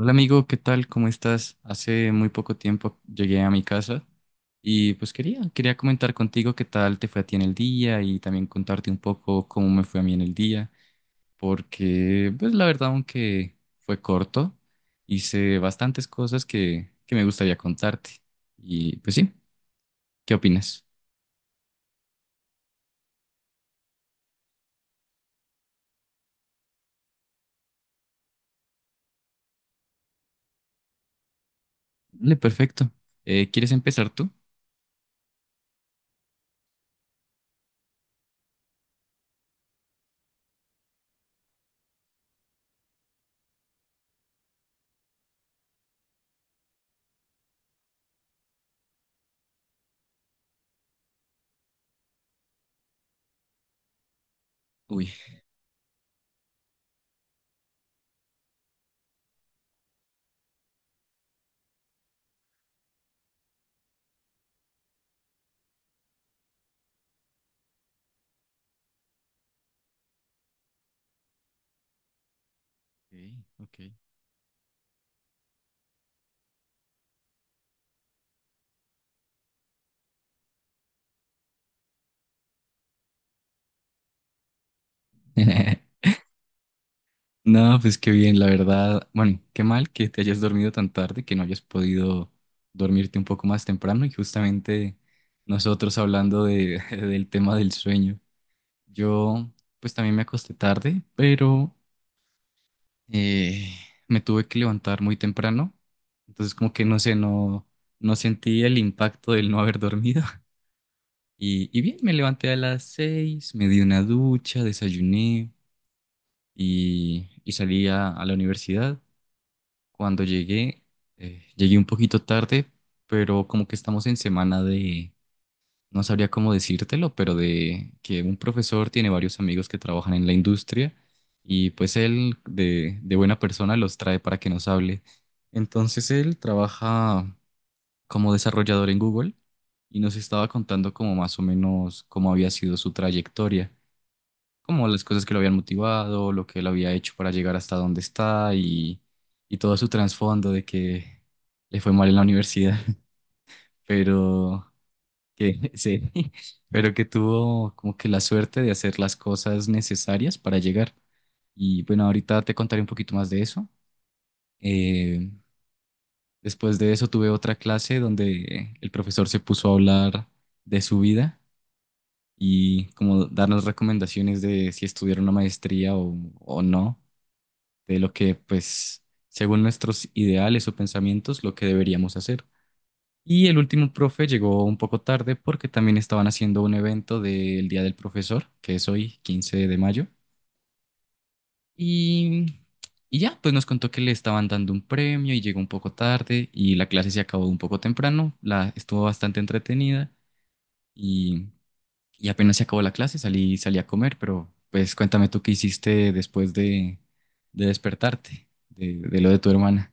Hola amigo, ¿qué tal? ¿Cómo estás? Hace muy poco tiempo llegué a mi casa y pues quería comentar contigo qué tal te fue a ti en el día y también contarte un poco cómo me fue a mí en el día, porque pues la verdad aunque fue corto, hice bastantes cosas que me gustaría contarte. Y pues sí, ¿qué opinas? Vale, perfecto. ¿Quieres empezar tú? Uy. Ok, ok. No, pues qué bien, la verdad. Bueno, qué mal que te hayas dormido tan tarde, que no hayas podido dormirte un poco más temprano y justamente nosotros hablando del tema del sueño. Yo pues también me acosté tarde, pero eh, me tuve que levantar muy temprano, entonces como que no sé, no, no sentí el impacto del no haber dormido. Y, y bien, me levanté a las 6, me di una ducha, desayuné y salí a la universidad. Cuando llegué, llegué un poquito tarde, pero como que estamos en semana de, no sabría cómo decírtelo, pero de que un profesor tiene varios amigos que trabajan en la industria y pues él de buena persona los trae para que nos hable. Entonces él trabaja como desarrollador en Google y nos estaba contando como más o menos cómo había sido su trayectoria como las cosas que lo habían motivado, lo que él había hecho para llegar hasta donde está y todo su trasfondo de que le fue mal en la universidad, pero que sí, pero que tuvo como que la suerte de hacer las cosas necesarias para llegar. Y bueno, ahorita te contaré un poquito más de eso. Eh, Después de eso tuve otra clase donde el profesor se puso a hablar de su vida y como darnos recomendaciones de si estudiar una maestría o no. De lo que, pues, según nuestros ideales o pensamientos, lo que deberíamos hacer. Y el último profe llegó un poco tarde porque también estaban haciendo un evento del Día del Profesor, que es hoy, 15 de mayo. Y, y ya, pues nos contó que le estaban dando un premio y llegó un poco tarde y la clase se acabó un poco temprano, la estuvo bastante entretenida y, y apenas se acabó la clase, salí, salí a comer, pero pues cuéntame tú qué hiciste después de despertarte, de lo de tu hermana.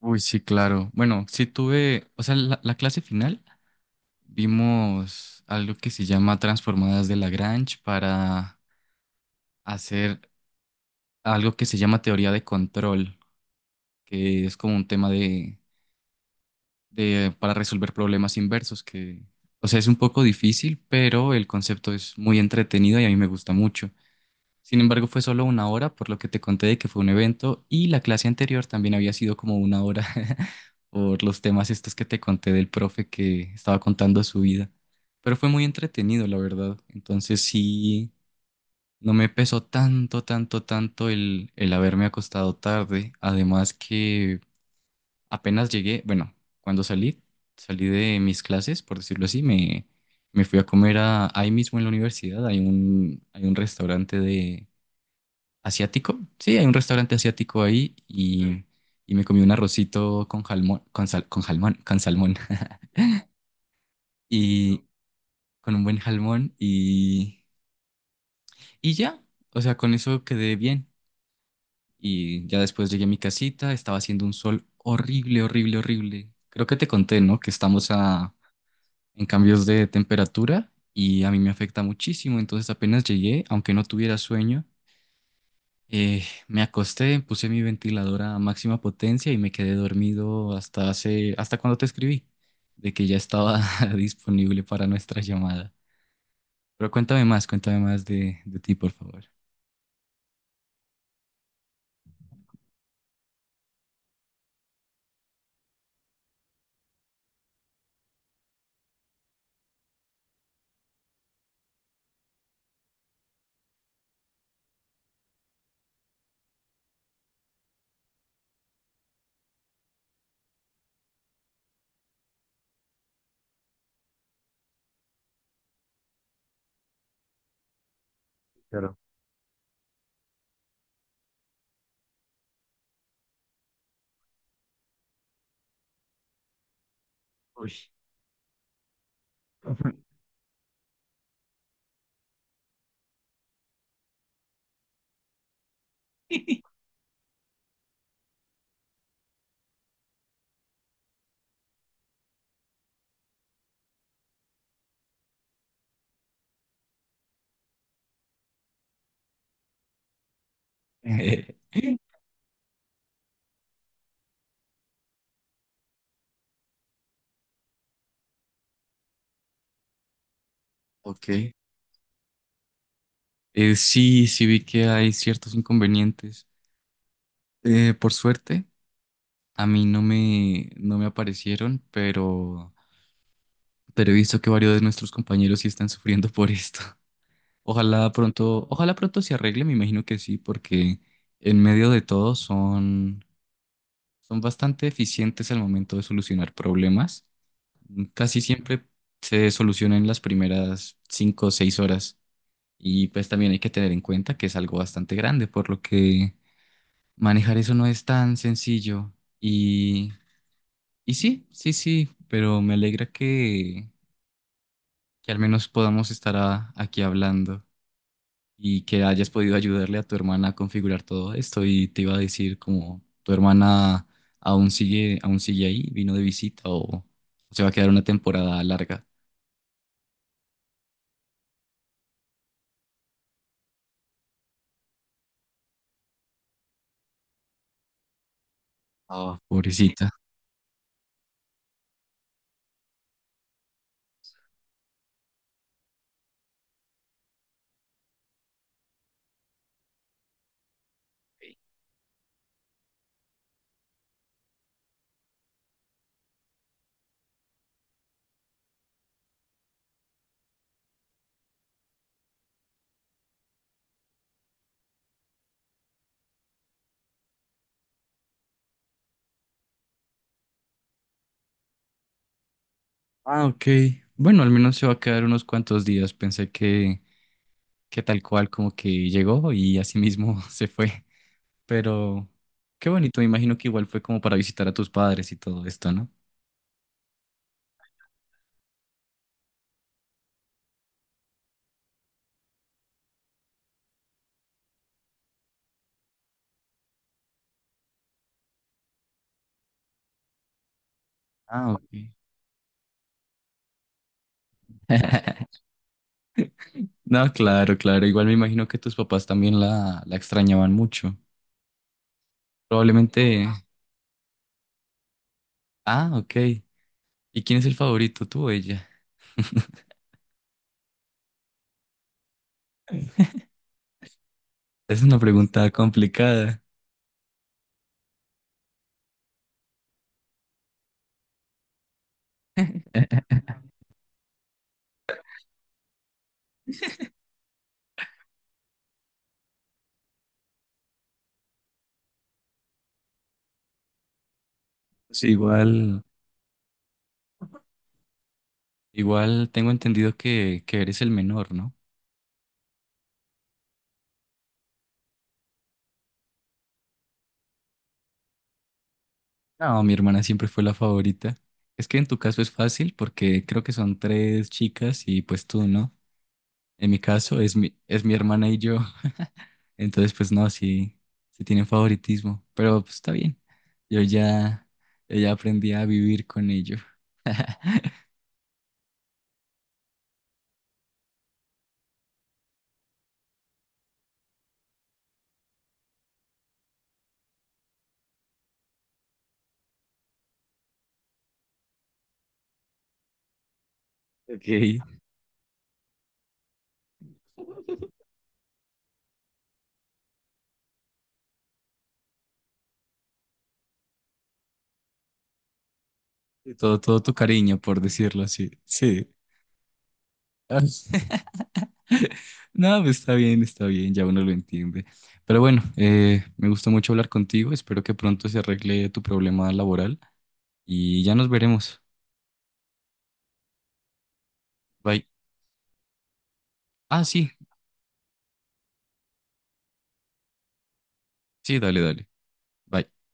Uy, sí, claro. Bueno, sí tuve, o sea, la clase final vimos algo que se llama transformadas de Lagrange para hacer algo que se llama teoría de control, que es como un tema de para resolver problemas inversos, que, o sea, es un poco difícil, pero el concepto es muy entretenido y a mí me gusta mucho. Sin embargo, fue solo 1 hora, por lo que te conté de que fue un evento y la clase anterior también había sido como 1 hora por los temas estos que te conté del profe que estaba contando su vida. Pero fue muy entretenido, la verdad. Entonces sí, no me pesó tanto, tanto, tanto el haberme acostado tarde. Además que apenas llegué, bueno, cuando salí, salí de mis clases, por decirlo así, me fui a comer a, ahí mismo en la universidad. Hay un restaurante de asiático. Sí, hay un restaurante asiático ahí y me comí un arrocito con jalmón, con jalmón, con salmón y con un buen jalmón y ya, o sea, con eso quedé bien. Y ya después llegué a mi casita, estaba haciendo un sol horrible, horrible, horrible. Creo que te conté, ¿no? En cambios de temperatura y a mí me afecta muchísimo. Entonces apenas llegué, aunque no tuviera sueño, eh, me acosté, puse mi ventiladora a máxima potencia y me quedé dormido hasta hace, hasta cuando te escribí, de que ya estaba disponible para nuestra llamada. Pero cuéntame más de ti, por favor. Ok. Sí, sí vi que hay ciertos inconvenientes. Por suerte, a mí no me, no me aparecieron, pero he visto que varios de nuestros compañeros sí están sufriendo por esto. Ojalá pronto se arregle, me imagino que sí, porque en medio de todo son, son bastante eficientes al momento de solucionar problemas. Casi siempre se solucionan en las primeras 5 o 6 horas. Y pues también hay que tener en cuenta que es algo bastante grande, por lo que manejar eso no es tan sencillo. Y, y sí, sí, sí, pero me alegra que al menos podamos aquí hablando. Y que hayas podido ayudarle a tu hermana a configurar todo esto. Y te iba a decir como tu hermana aún sigue ahí, vino de visita o se va a quedar una temporada larga. Ah, pobrecita. Ah, ok. Bueno, al menos se va a quedar unos cuantos días. Pensé que tal cual como que llegó y así mismo se fue. Pero qué bonito, me imagino que igual fue como para visitar a tus padres y todo esto, ¿no? Ah, ok. No, claro, claro. Igual me imagino que tus papás también la extrañaban mucho. Probablemente. Ah, ok. ¿Y quién es el favorito, tú o ella? Es una pregunta complicada. Sí, igual, igual tengo entendido que eres el menor, ¿no? No, mi hermana siempre fue la favorita. Es que en tu caso es fácil porque creo que son tres chicas y pues tú, ¿no? En mi caso es mi hermana y yo. Entonces, pues no, sí, sí tienen favoritismo. Pero pues está bien. Yo ya, yo ya aprendí a vivir con ello. Ok. Y todo, todo tu cariño, por decirlo así. Sí. Ah, no, pues, está bien, ya uno lo entiende. Pero bueno, me gustó mucho hablar contigo. Espero que pronto se arregle tu problema laboral y ya nos veremos. Bye. Ah, sí, sí, dale, dale. Bye.